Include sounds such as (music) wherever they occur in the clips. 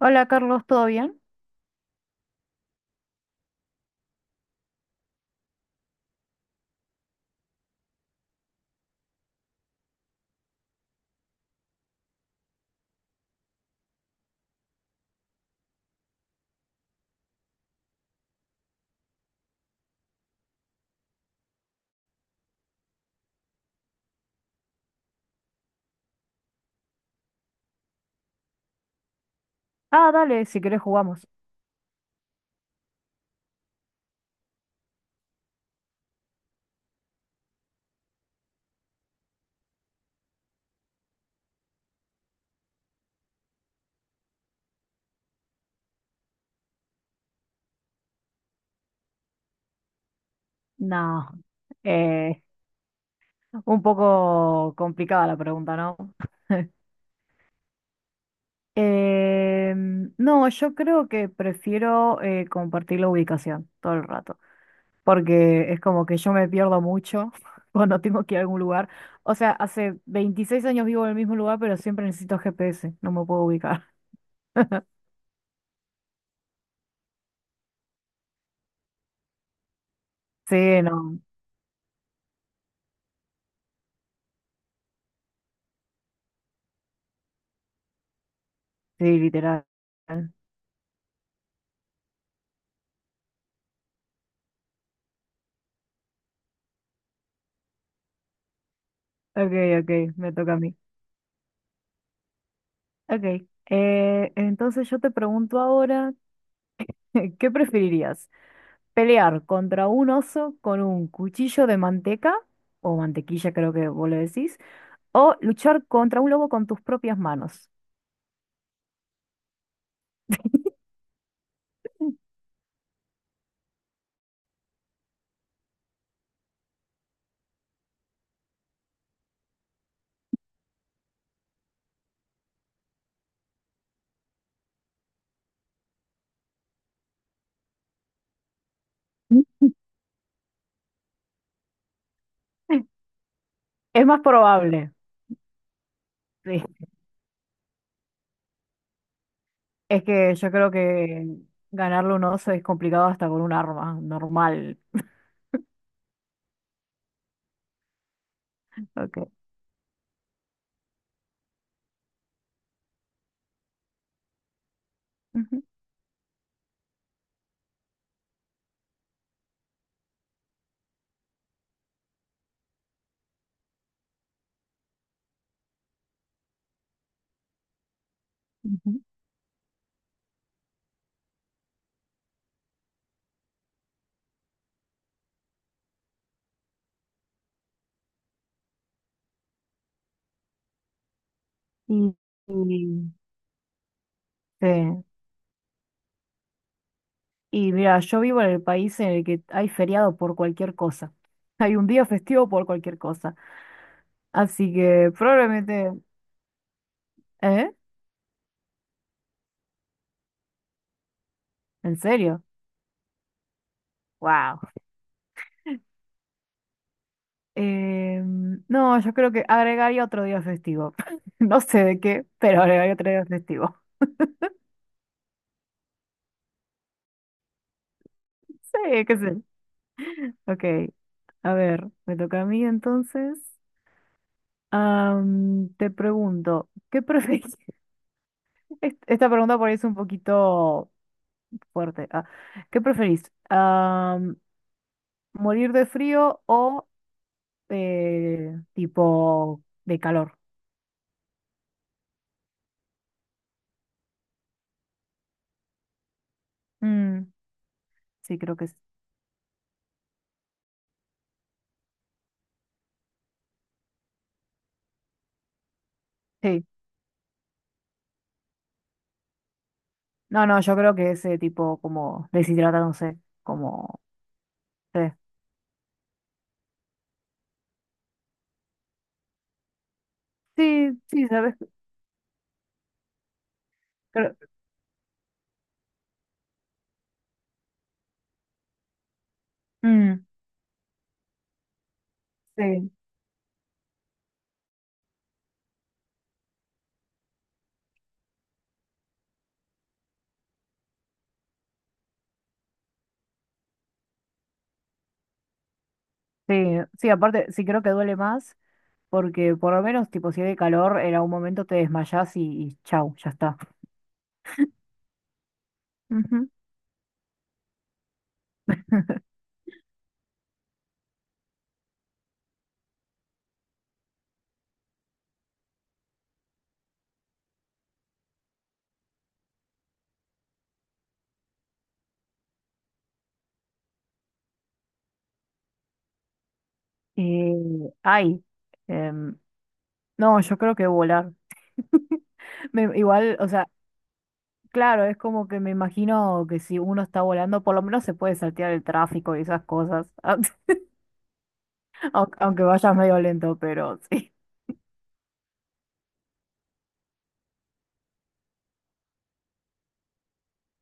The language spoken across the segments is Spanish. Hola Carlos, ¿todo bien? Ah, dale, si querés jugamos. No, eh, un poco complicada la pregunta, ¿no? (laughs) No, yo creo que prefiero compartir la ubicación todo el rato, porque es como que yo me pierdo mucho (laughs) cuando tengo que ir a algún lugar. O sea, hace 26 años vivo en el mismo lugar, pero siempre necesito GPS, no me puedo ubicar. (laughs) Sí, no, sí, literal. Ok, ok, me toca a mí. Ok, entonces yo te pregunto ahora, (laughs) ¿qué preferirías? ¿Pelear contra un oso con un cuchillo de manteca, o mantequilla creo que vos le decís, o luchar contra un lobo con tus propias manos? (laughs) Es más probable. Sí. Es que yo creo que ganarle un oso es complicado hasta con un arma normal. (laughs) Ok. Ujú, ujú. Y, y- Sí. Y mira, yo vivo en el país en el que hay feriado por cualquier cosa. (laughs) Hay un día festivo por cualquier cosa. Así que probablemente. ¿Eh? ¿En serio? Wow. No, yo creo que agregaría otro día festivo. (laughs) No sé de qué, pero agregaría otro día festivo. (laughs) Sí, qué sé. Ok. A ver, me toca a mí entonces. Te pregunto, ¿qué prefieres? (laughs) Esta pregunta por ahí es un poquito fuerte. Ah, ¿qué preferís? ¿Morir de frío o tipo de calor? Mm, sí, creo que sí. No, no, yo creo que ese tipo como deshidratándose, como. Sí, sí, sí, ¿sabes? Creo- mm, sí, sí, sí, aparte sí creo que duele más porque por lo menos tipo si hay calor en algún momento te desmayás y chau, ya está. Ujú. Eh, ay, em, no, yo creo que volar. (laughs) Igual, o sea, claro, es como que me imagino que si uno está volando, por lo menos se puede saltear el tráfico y esas cosas, (laughs) aunque vayas medio lento, pero sí.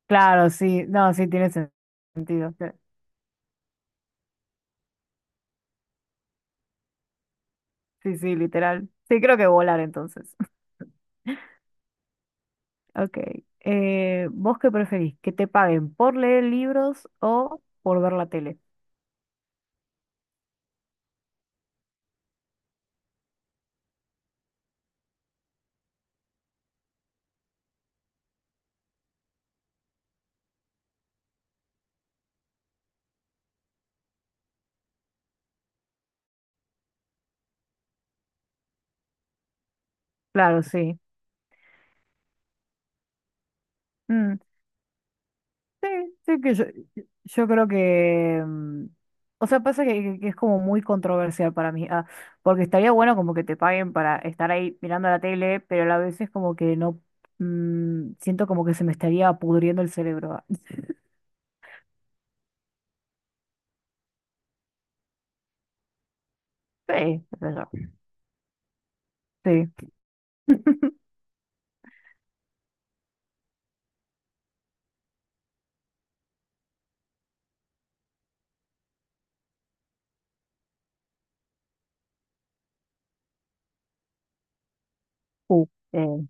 Claro, sí, no, sí tiene sentido. Sí. Sí, sí, literal. Sí, creo que volar entonces. (laughs) Ok. ¿Vos qué preferís? ¿Que te paguen por leer libros o por ver la tele? Claro, sí. Mm, sí, sí que yo creo que o sea, pasa que es como muy controversial para mí. Ah, porque estaría bueno como que te paguen para estar ahí mirando la tele, pero a la vez es como que no. Siento como que se me estaría pudriendo el cerebro. Ah. Sí, qué sé yo. Sí. Uh,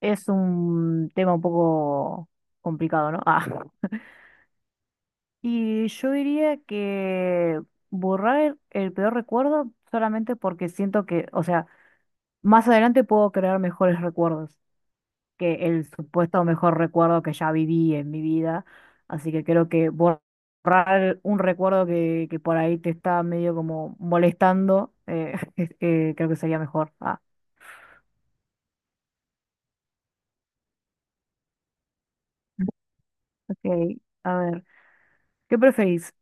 Es un tema un poco complicado, ¿no? Ah. Y yo diría que borrar el peor recuerdo solamente porque siento que, o sea, más adelante puedo crear mejores recuerdos que el supuesto mejor recuerdo que ya viví en mi vida. Así que creo que borrar un recuerdo que por ahí te está medio como molestando, (laughs) creo que sería mejor. Ah, ok. A ver, ¿qué preferís?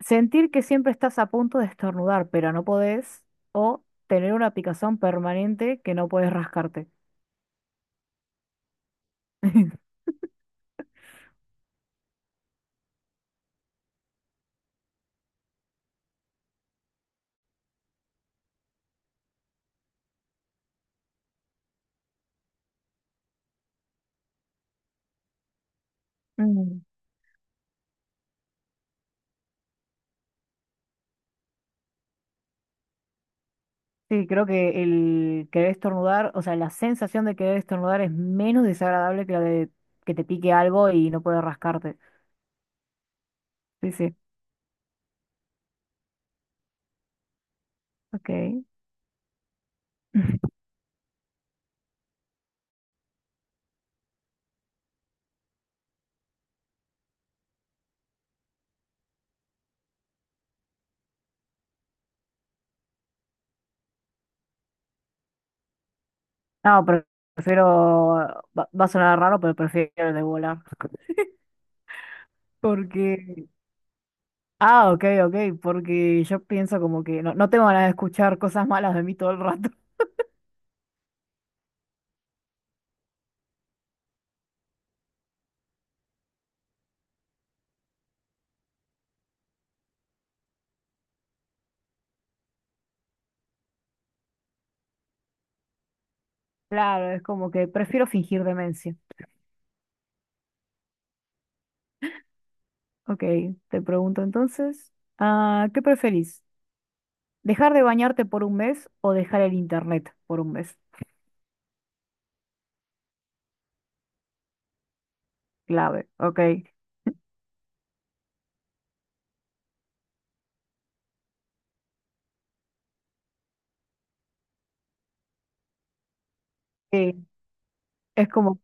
Sentir que siempre estás a punto de estornudar, pero no podés, o tener una picazón permanente que no puedes rascarte. (laughs) Mm. Sí, creo que el querer estornudar, o sea, la sensación de querer estornudar es menos desagradable que la de que te pique algo y no puedes rascarte. Sí, sí. Ok. (laughs) No, pero prefiero, va a sonar raro, pero prefiero el de volar. Porque, ah, ok, ok, porque yo pienso como que no, no tengo ganas de escuchar cosas malas de mí todo el rato. Claro, es como que prefiero fingir demencia. Ok, te pregunto entonces, ah, ¿qué preferís? ¿Dejar de bañarte por un mes o dejar el internet por un mes? Clave, ok. Sí, es como,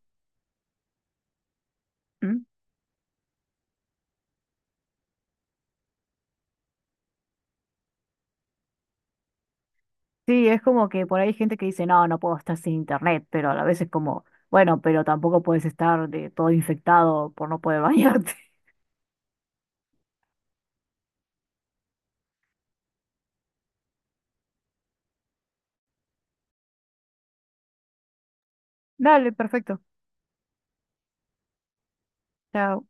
¿Mm? Sí, es como que por ahí hay gente que dice, no, no puedo estar sin internet, pero a la vez es como, bueno, pero tampoco puedes estar de todo infectado por no poder bañarte. (laughs) Dale, perfecto. Chao.